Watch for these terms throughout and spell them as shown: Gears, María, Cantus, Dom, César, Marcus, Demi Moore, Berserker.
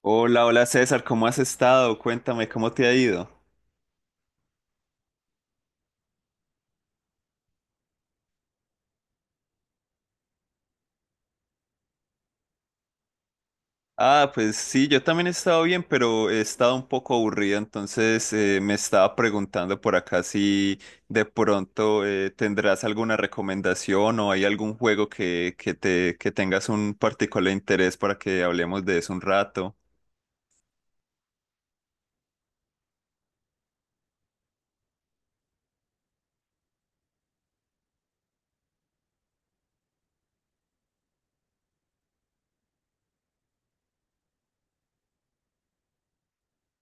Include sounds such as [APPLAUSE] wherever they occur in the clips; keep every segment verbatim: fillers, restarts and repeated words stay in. Hola, hola César, ¿cómo has estado? Cuéntame, ¿cómo te ha ido? Ah, pues sí, yo también he estado bien, pero he estado un poco aburrido, entonces eh, me estaba preguntando por acá si de pronto eh, tendrás alguna recomendación o hay algún juego que, que te, que tengas un particular interés para que hablemos de eso un rato.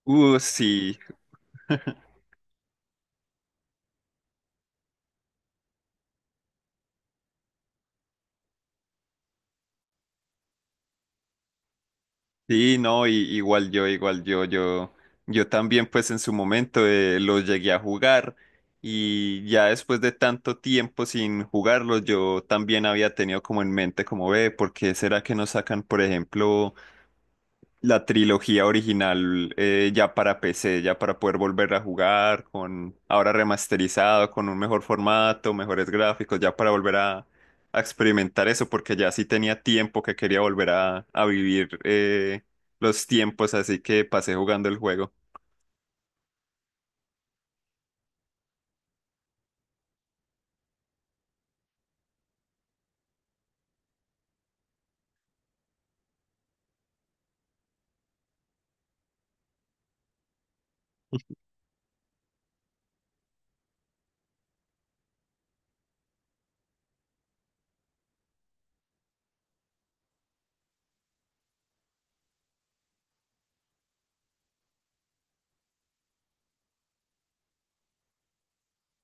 Uh, sí. [LAUGHS] Sí, no, y, igual yo, igual yo, yo, yo también pues en su momento eh, los llegué a jugar y ya después de tanto tiempo sin jugarlos yo también había tenido como en mente como ve, ¿por qué será que no sacan por ejemplo la trilogía original eh, ya para P C, ya para poder volver a jugar con ahora remasterizado, con un mejor formato, mejores gráficos, ya para volver a a experimentar eso porque ya sí tenía tiempo que quería volver a, a vivir eh, los tiempos, así que pasé jugando el juego.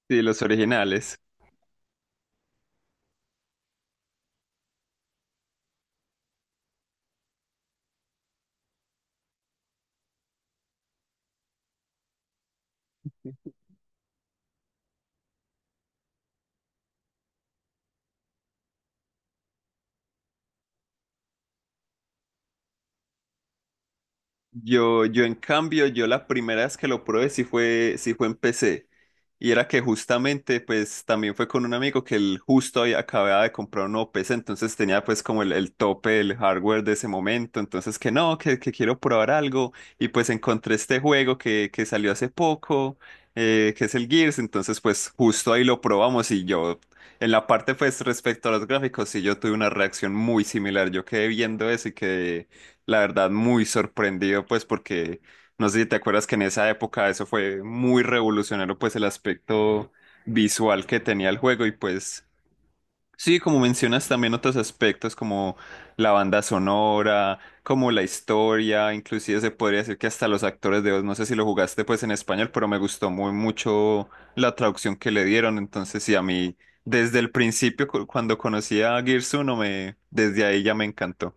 Sí, los originales. Yo, yo en cambio, yo la primera vez que lo probé sí fue, sí fue en P C. Y era que justamente, pues también fue con un amigo que él justo había, acababa de comprar un nuevo P C, entonces tenía pues como el, el tope del hardware de ese momento, entonces que no, que, que quiero probar algo, y pues encontré este juego que, que salió hace poco, eh, que es el Gears, entonces pues justo ahí lo probamos y yo, en la parte pues respecto a los gráficos, sí yo tuve una reacción muy similar, yo quedé viendo eso y quedé la verdad muy sorprendido pues porque... No sé si te acuerdas que en esa época eso fue muy revolucionario, pues el aspecto visual que tenía el juego y pues sí, como mencionas también otros aspectos como la banda sonora, como la historia, inclusive se podría decir que hasta los actores de voz, no sé si lo jugaste pues en español, pero me gustó muy mucho la traducción que le dieron, entonces sí, a mí desde el principio cu- cuando conocí a Gears uno me, desde ahí ya me encantó.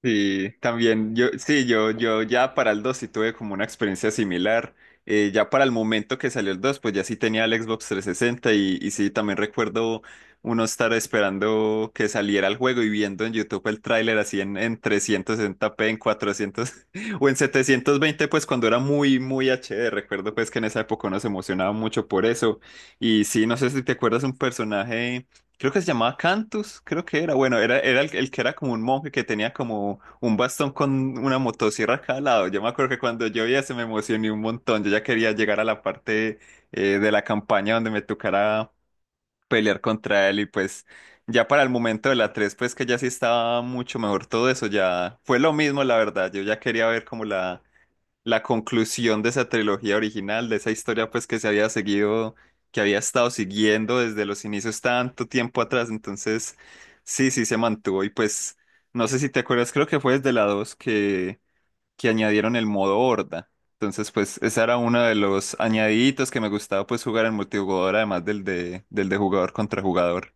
Sí, también yo, sí, yo, yo ya para el dos sí tuve como una experiencia similar. Eh, ya para el momento que salió el dos pues ya sí tenía el Xbox trescientos sesenta y, y sí, también recuerdo uno estar esperando que saliera el juego y viendo en YouTube el tráiler así en, en trescientos sesenta p, en cuatrocientos [LAUGHS] o en setecientos veinte, pues cuando era muy, muy H D. Recuerdo pues que en esa época uno se emocionaba mucho por eso. Y sí, no sé si te acuerdas un personaje creo que se llamaba Cantus, creo que era, bueno, era, era el, el que era como un monje que tenía como un bastón con una motosierra a cada lado. Yo me acuerdo que cuando yo vi se me emocioné un montón. Yo ya quería llegar a la parte eh, de la campaña donde me tocara pelear contra él y pues ya para el momento de la tres pues que ya sí estaba mucho mejor todo eso, ya fue lo mismo, la verdad. Yo ya quería ver como la la conclusión de esa trilogía original, de esa historia pues que se había seguido, que había estado siguiendo desde los inicios tanto tiempo atrás, entonces sí, sí se mantuvo y pues no sé si te acuerdas, creo que fue desde la dos que, que añadieron el modo horda, entonces pues ese era uno de los añadiditos que me gustaba pues jugar en multijugador además del de, del de jugador contra jugador.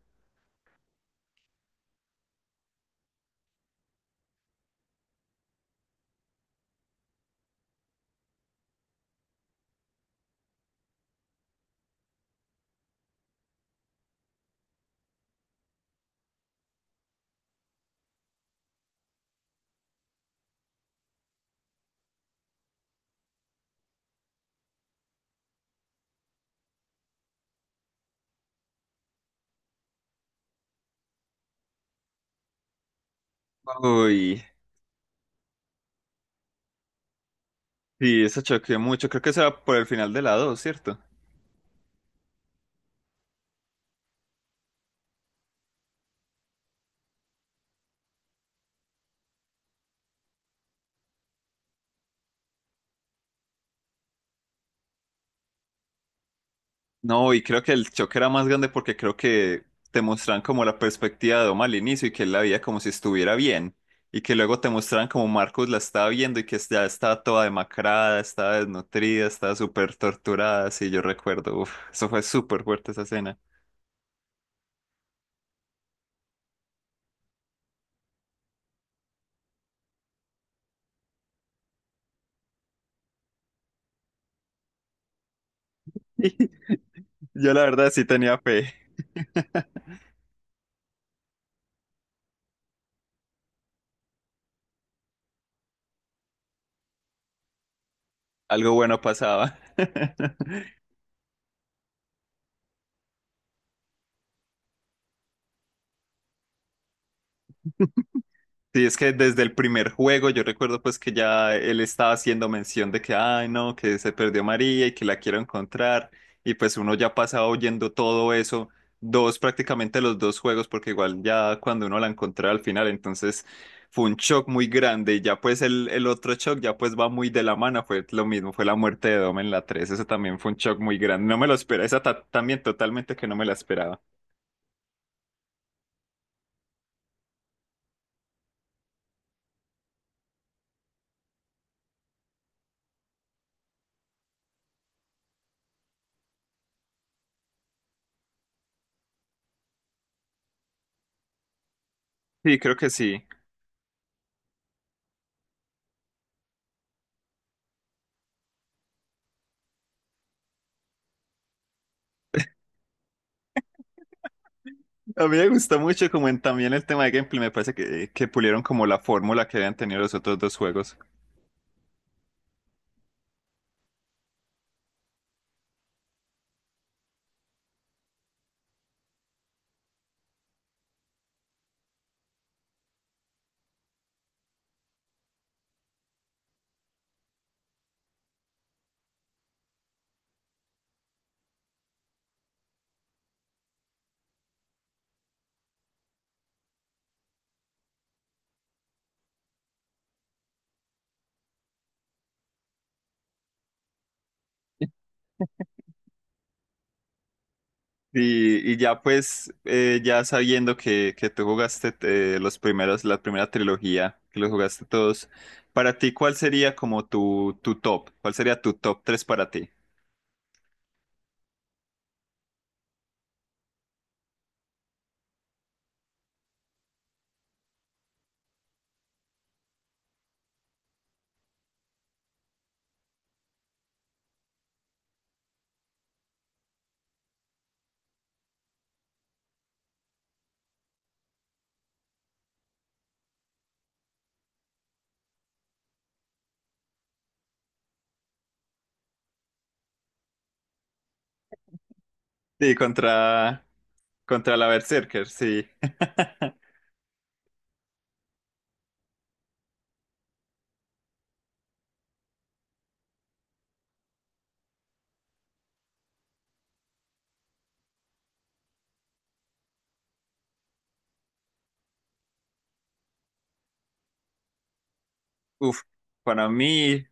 Uy, sí, eso choqueó mucho, creo que eso era por el final de la dos, ¿cierto? No, y creo que el choque era más grande porque creo que te muestran como la perspectiva de Dom al inicio y que él la veía como si estuviera bien. Y que luego te muestran como Marcus la estaba viendo y que ya estaba toda demacrada, estaba desnutrida, estaba súper torturada. Sí, yo recuerdo, uf, eso fue súper fuerte esa escena. [LAUGHS] Yo la verdad sí tenía fe. [LAUGHS] Algo bueno pasaba. [LAUGHS] Sí, es que desde el primer juego yo recuerdo pues que ya él estaba haciendo mención de que, ay no, que se perdió María y que la quiero encontrar. Y pues uno ya pasaba oyendo todo eso, dos prácticamente los dos juegos, porque igual ya cuando uno la encontraba al final, entonces fue un shock muy grande. Y ya pues el, el otro shock ya pues va muy de la mano, fue lo mismo, fue la muerte de Dom en la tres. Eso también fue un shock muy grande. No me lo esperaba, esa ta- también totalmente que no me la esperaba. Sí, creo que sí. A mí me gustó mucho como en también el tema de gameplay, me parece que, eh, que pulieron como la fórmula que habían tenido los otros dos juegos. Y, y ya pues, eh, ya sabiendo que, que tú jugaste eh, los primeros, la primera trilogía, que los jugaste todos, para ti, ¿cuál sería como tu, tu top? ¿Cuál sería tu top tres para ti? Sí, contra, contra la Berserker, sí. [LAUGHS] Uf, para mí.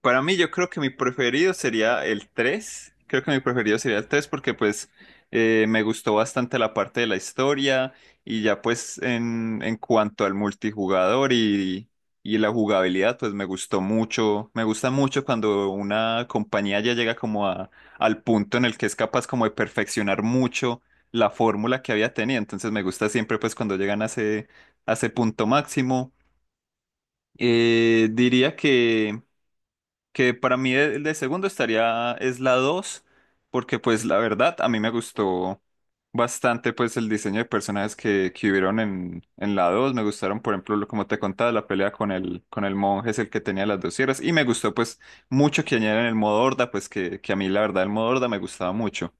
Para mí, yo creo que mi preferido sería el tres. Creo que mi preferido sería el tres porque pues eh, me gustó bastante la parte de la historia y ya pues en, en cuanto al multijugador y, y la jugabilidad, pues me gustó mucho. Me gusta mucho cuando una compañía ya llega como a, al punto en el que es capaz como de perfeccionar mucho la fórmula que había tenido. Entonces me gusta siempre pues cuando llegan a ese, a ese punto máximo. Eh, diría que que para mí el de segundo estaría es la dos porque pues la verdad a mí me gustó bastante pues el diseño de personajes que, que hubieron en, en la dos. Me gustaron por ejemplo lo- como te contaba la pelea con el, con el monje es el que tenía las dos sierras y me gustó pues mucho que añadieran el modo horda pues que, que a mí la verdad el modo horda me gustaba mucho.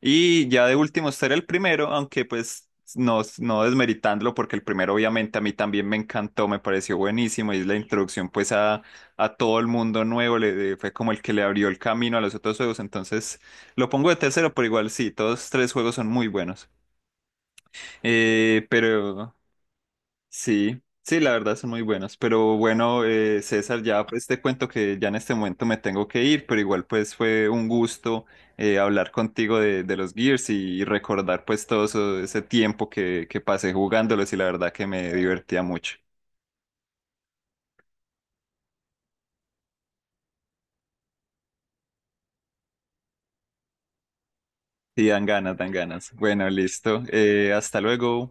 Y ya de último ser el primero, aunque pues no, no desmeritándolo, porque el primero obviamente a mí también me encantó, me pareció buenísimo y es la introducción pues a, a todo el mundo nuevo, le, fue como el que le abrió el camino a los otros juegos, entonces lo pongo de tercero, pero igual sí, todos tres juegos son muy buenos. Eh, pero... Sí, sí, la verdad son muy buenos. Pero bueno, eh, César, ya pues te cuento que ya en este momento me tengo que ir, pero igual pues fue un gusto eh, hablar contigo de, de los Gears y recordar pues todo eso- ese tiempo que, que pasé jugándolos y la verdad que me divertía mucho. Y dan ganas, dan ganas. Bueno, listo. Eh, hasta luego.